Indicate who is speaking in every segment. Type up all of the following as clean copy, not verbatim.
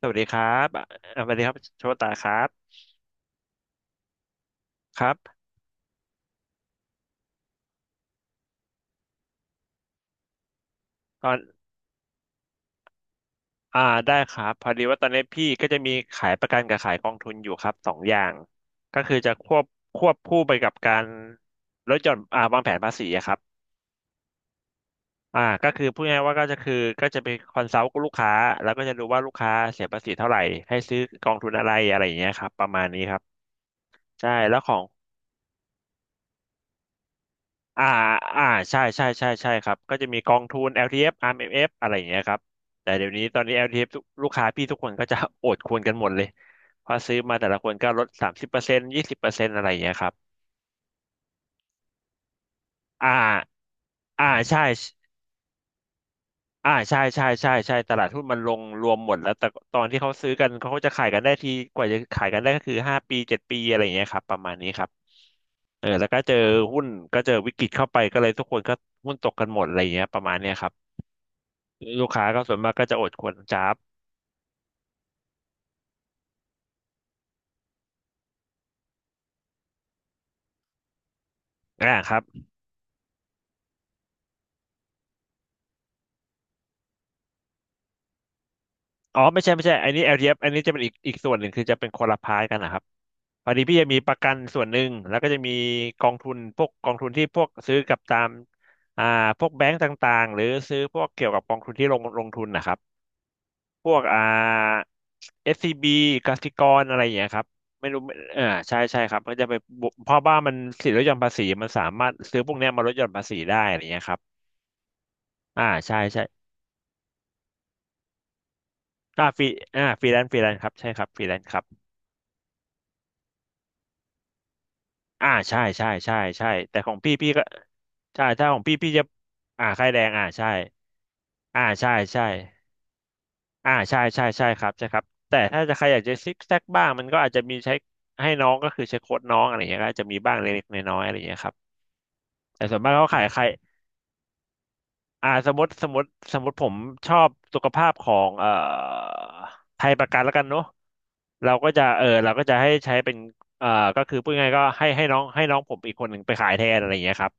Speaker 1: สวัสดีครับสวัสดีครับโชตาครับครับตอนอ่าได้ครับ พอดีว่าตอนนี้พี่ก็จะมีขายประกันกับขายกองทุนอยู่ครับสองอย่างก็คือจะควบคู่ไปกับการลดหย่อนวางแผนภาษีอะครับก็คือพูดง่ายๆว่าก็จะไปคอนซัลท์กับลูกค้าแล้วก็จะดูว่าลูกค้าเสียภาษีเท่าไหร่ ให้ซื้อกองทุนอะไรอะไรอย่างเงี้ยครับประมาณนี้ครับใช่แล้วของ อ่าอ่าใช่ใช่ใช่ใช่ครับก็จะมีกองทุน LTF RMF อฟอาร์เอ็มเอฟอะไรอย่างเงี้ยครับแต่เดี๋ยวนี้ตอนนี้ LTF ทเอฟทุกลูกค้าพี่ทุกคนก็จะ โอดควรกันหมดเลยเพอซื้อมาแต่ละคนก็ลดสามสิบเปอร์เซ็นต์ยี่สิบเปอร์เซ็นต์อะไรอย่างเงี้ยครับอ่าอ่าใช่ใช่ใช่ใช่ใช่ตลาดหุ้นมันลงรวมหมดแล้วแต่ตอนที่เขาซื้อกันเขาก็จะขายกันได้ทีกว่าจะขายกันได้ก็คือห้าปีเจ็ดปีอะไรอย่างเงี้ยครับประมาณนี้ครับเออแล้วก็เจอหุ้นก็เจอวิกฤตเข้าไปก็เลยทุกคนก็หุ้นตกกันหมดอะไรอย่างเงี้ยประมาณเนี้ยครับ ลูกค้าก็ส่วนมากก็จะอดควรจับอ่าครับอ๋อไม่ใช่ไม่ใช่อันนี้แอลทีเอฟอันนี้จะเป็นอีกส่วนหนึ่งคือจะเป็นคนละพายกันนะครับพอดีพี่จะมีประกันส่วนหนึ่งแล้วก็จะมีกองทุนที่พวกซื้อกับตามอ่าพวกแบงก์ต่างๆหรือซื้อพวกเกี่ยวกับกองทุนที่ลงทุนนะครับพวกs c ีบีกสิกรอะไรอย่างเงี้ยครับไม่รู้ไม่เออใช่ใช่ครับก็จะไปบวกเพราะว่ามันสิทธิลดหย่อนภาษีมันสามารถซื้อพวกเนี้ยมาลดหย่อนภาษีได้อะไรอย่างเงี้ยครับอ่าใช่ใช่ อ่าฟรีฟรีแลนซ์ฟรีแลนซ์ครับใช่ครับฟรีแลนซ์ครับใช่ใช่ใช่ใช่แต่ของพี่พี่ก็ใช่ถ้าของพี่พี่จะค่ายแรงใช่ใช่ใช่ใช่ใช่ใช่ครับใช่ครับแต่ถ้าจะใครอยากจะซิกแซกบ้างมันก็อาจจะมีใช้ให้น้องก็คือใช้โค้ดน้องอะไรอย่างเงี้ยก็อาจจะมีบ้างเล็กๆน้อยๆอะไรอย่างเงี้ยครับแต่ส่วนมากเขาขายใคร อ่าสมมติสมมติผมชอบสุขภาพของไทยประกันแล้วกันเนาะเราก็จะเออเราก็จะให้ใช้เป็นเอ่อก็คือพูดง่ายๆก็ให้น้องผมอีกคนหนึ่งไปขายแทนอะไรอย่างเงี้ยครับ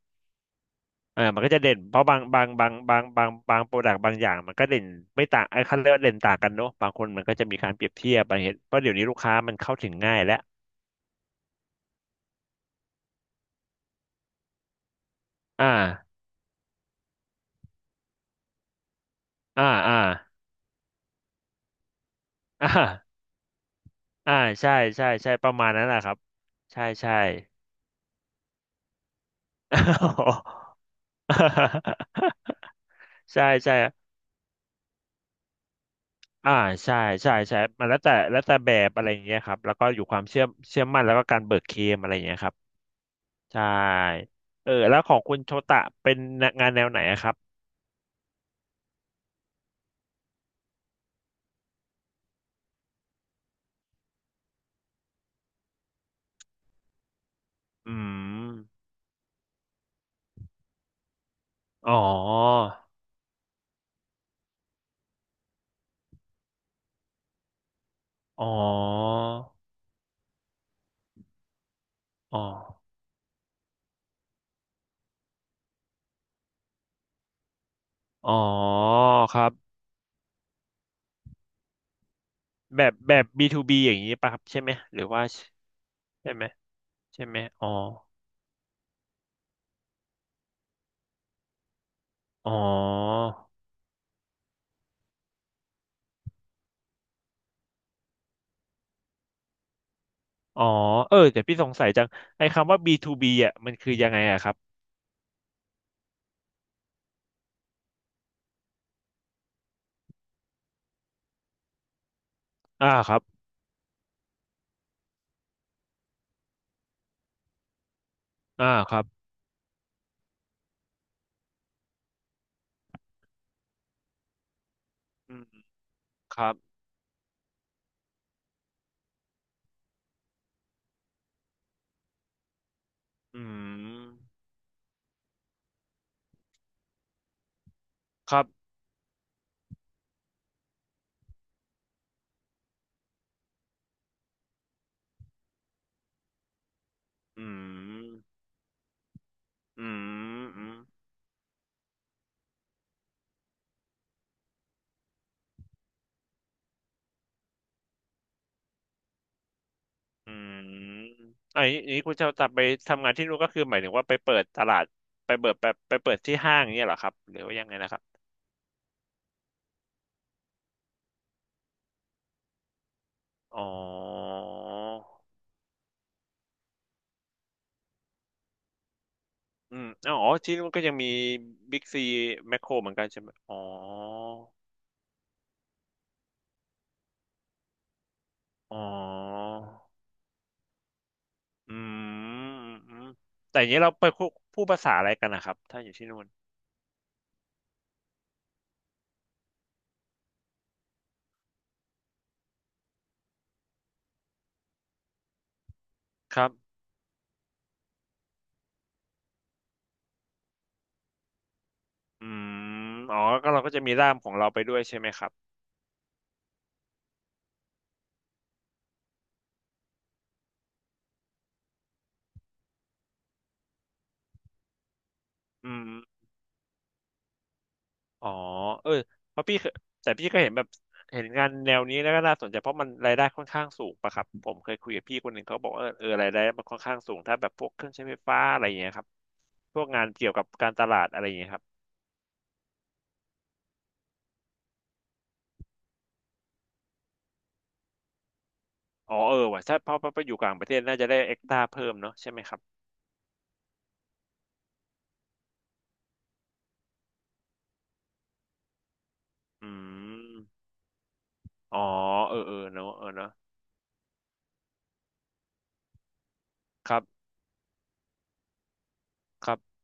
Speaker 1: เออมันก็จะเด่นเพราะบางบางบางบางบางบางโปรดักต์บางอย่างมันก็เด่นไม่ต่างไอ้คันเรียกว่าเด่นต่างกันเนาะบางคนมันก็จะมีการเปรียบเทียบอะไรเห็นเพราะเดี๋ยวนี้ลูกค้ามันเข้าถึงง่ายแล้วอ่าอ่าอ่าอ่าอ่าใช่ใช่ใช่ประมาณนั้นแหละครับใช่ใช่ ใช่ใช่อ่าใช่ใช่ใช่มันแล้วแต่แบบอะไรอย่างเงี้ยครับ แล้วก็อยู่ความเชื่อมั่นแล้วก็การเบิกเคลมอะไรอย่างเงี้ยครับใช่เออแล้วของคุณโชตะเป็นงานแนวไหนอะครับอืมอ๋อ อ๋ออ๋ออ๋อครับแบบแบบ B2B อย่างนี้ป่ะครับใช่ไหมหรือว่าใช่ไหมใช่ไหมอ๋ออ๋อเออแต่พี่สงสัยจังไอ้คำว่า B2B อ่ะมันคือยังไงอะครับอ่าครับ อ่าครับอืมครับอืมครับอืมอืม อืม อืมอันนี้คุณจะตับไปทำงานที่นู่นก็คือหมายถึงว่าไปเปิดตลาดไปเปิดที่ห้างเนี่ยเหรอครับหรือว่ายังไงนะครับ อ๋ออืมอ๋อที่นู่นก็ยังมีบิ๊กซีแมคโครเหมือนกันใช่ไหมอ๋อ อ๋ออืมอืมอืมแต่อย่างนี้เราไปพูดภาษาอะไรกันนะครับถ้าอยู่ที่นู่นครับ อืมอ๋อก็เราก็จะมีร่ามของเราไปด้วยใช่ไหมครับอืมอ๋อเออเพราะพี่เคยแต่พี่ก็เห็นแบบเห็นงานแนวนี้แล้วก็น่าสนใจเพราะมันรายได้ค่อนข้างสูงปะครับผมเคยคุยกับพี่คนหนึ่งเขาบอกว่าเออเออรายได้มันค่อนข้างสูงถ้าแบบพวกเครื่องใช้ไฟฟ้าอะไรอย่างเงี้ยครับพวกงานเกี่ยวกับการตลาดอะไรอย่างเงี้ยครับอ๋อเออว่ะถ้าเพราะไปอยู่กลางประเทศน่าจะได้เอ็กตาเพิ่มเนาะใช่ไหมครับอืมอ๋อเออเออเนาะเออเนาะครับครับ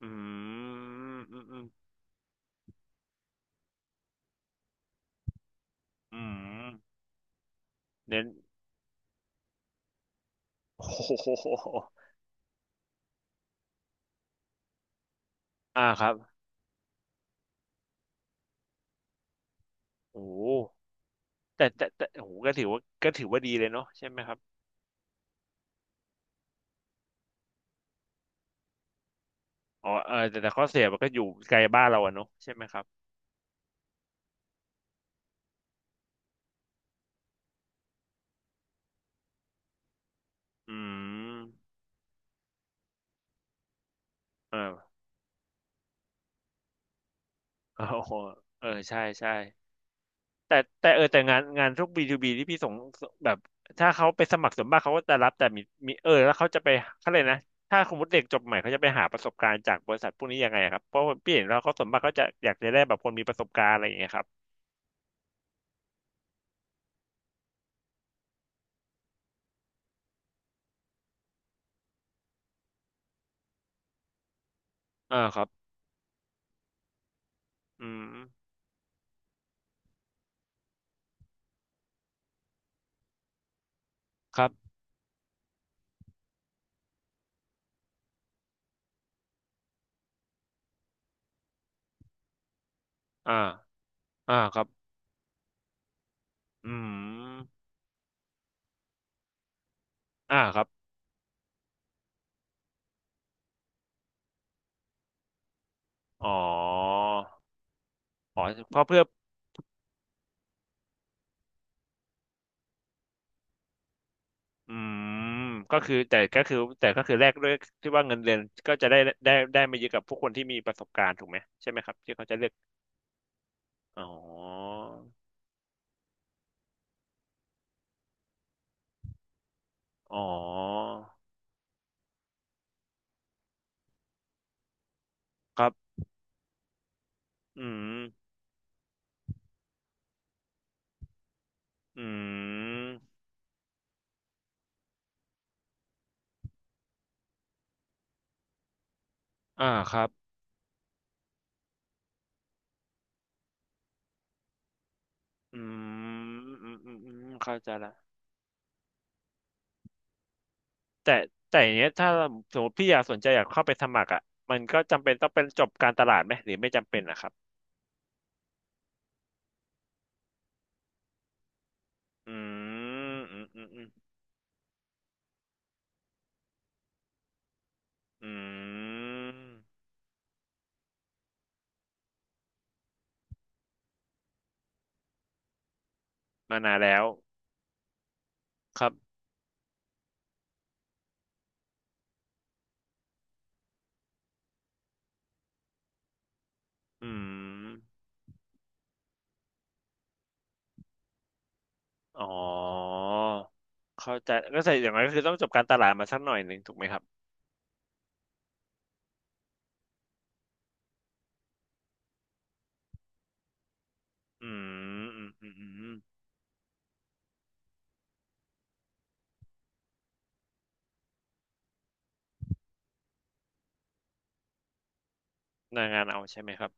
Speaker 1: อืมอืมอืมอืมเน้น โอ้โหอ่าครับโอ้โหแต่โอ้โหก็ถือว่าก็ถือว่าดีเลยเนาะใช่ไหมครับอ๋อเออแต่ข้อเสียมันก็อยู่ไกลบ้านเราอะเนาะใช่ไหมครับอืมเออโอ้โหเออใช่ใช่แต่แต่เออแต่งานงานพวกบีทูบีที่พี่ส่งแบบถ้าเขาไปสมัครส่วนมากเขาก็จะรับแต่มีมีเออแล้วเขาจะไปเขาเลยกนะถ้าสมมติเด็กจบใหม่เขาจะไปหาประสบการณ์จากบริษัทพวกนี้ยังไงอะครับเพราะพี่เห็นแล้วเขาส่วนมากเขาจะอยากจะได้แบบคนมีประสบการณ์อะไรอย่างเงี้ยครับอ่าครับอืมครับอ่า อ่าครับอืมอ่าครับอ๋ออ๋อเพราะเพื่ออืมก็คือแต่ก็คือแต่ก็คือแลกด้วยที่ว่าเงินเดือนก็จะได้ได้ไม่เยอะกับพวกคนที่มีประสบการณ์ถูกไหมใช่ไหมครับที่เขาจะเลือกอ๋ออ๋อครับอืมอืมอ่าครับอืมอืมอืมอืมเข้าใจละแต่แต่อย่างเงี้ยถ้าสมมติพี่อยากสนใจอยากเข้าไปสมัครอ่ะมันก็จำเป็นต้องเป็นจบการตลาดไหมหรือไม่จำเป็นนะครับ อืมอืมอืมอืมอืมมานานแล้วครับอืมอ๋อเข้าใจก็ใส่อย่างไรก็คือต้องจบการตลาดมาสักหน่อยหนึ่งถูกไหมครับอืมอืมอืมอืมอืมหน้างานเอาใช่ไหมครับ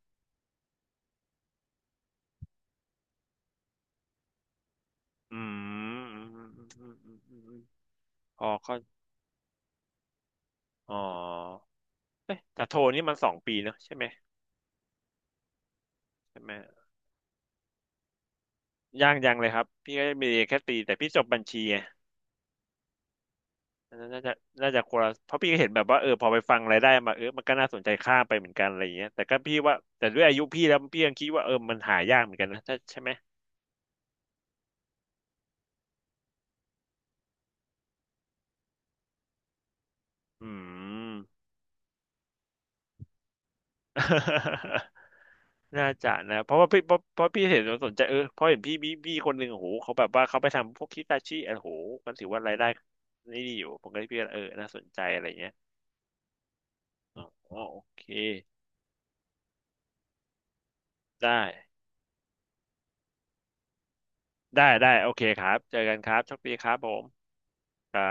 Speaker 1: อืมอืมอืมอืมอืมอืมอืมพอเข้าอ๋อเอ๊ะแต่โทนี่มันสองปีเนอะใช่ไหมใช่ไหมยางยังเลยครับพี่ก็มีแค่ปีแต่พี่จบบัญชีไง อันนั้นน่าจะน่าจะคนละเพราะพี่ก็เห็นแบบว่าเออพอไปฟังรายได้มาเออมันก็น่าสนใจข้ามไปเหมือนกันอะไรอย่างเงี้ยแต่ก็พี่ว่าแต่ด้วยอายุพี่แล้วพี่ยังคิดว่าเออมันหายากเหมือนกันนะถ้าใช่ไหมอืม น่าจะนะเพราะว่าพี่เพราะพี่เห็นสนใจเออเพราะเห็นพี่คนหนึ่งโอ้โหเขาแบบว่าเขาไปทำพวกคิตาชิโอ้โหมันถือว่ารายได้นี่ดีอยู่ผมก็เลยพี่ว่าเออน่าสนใจอะไรอย่างเงี้ยอ๋อโอเคได้ได้ได้โอเคครับเจอกันครับโชคดีครับผม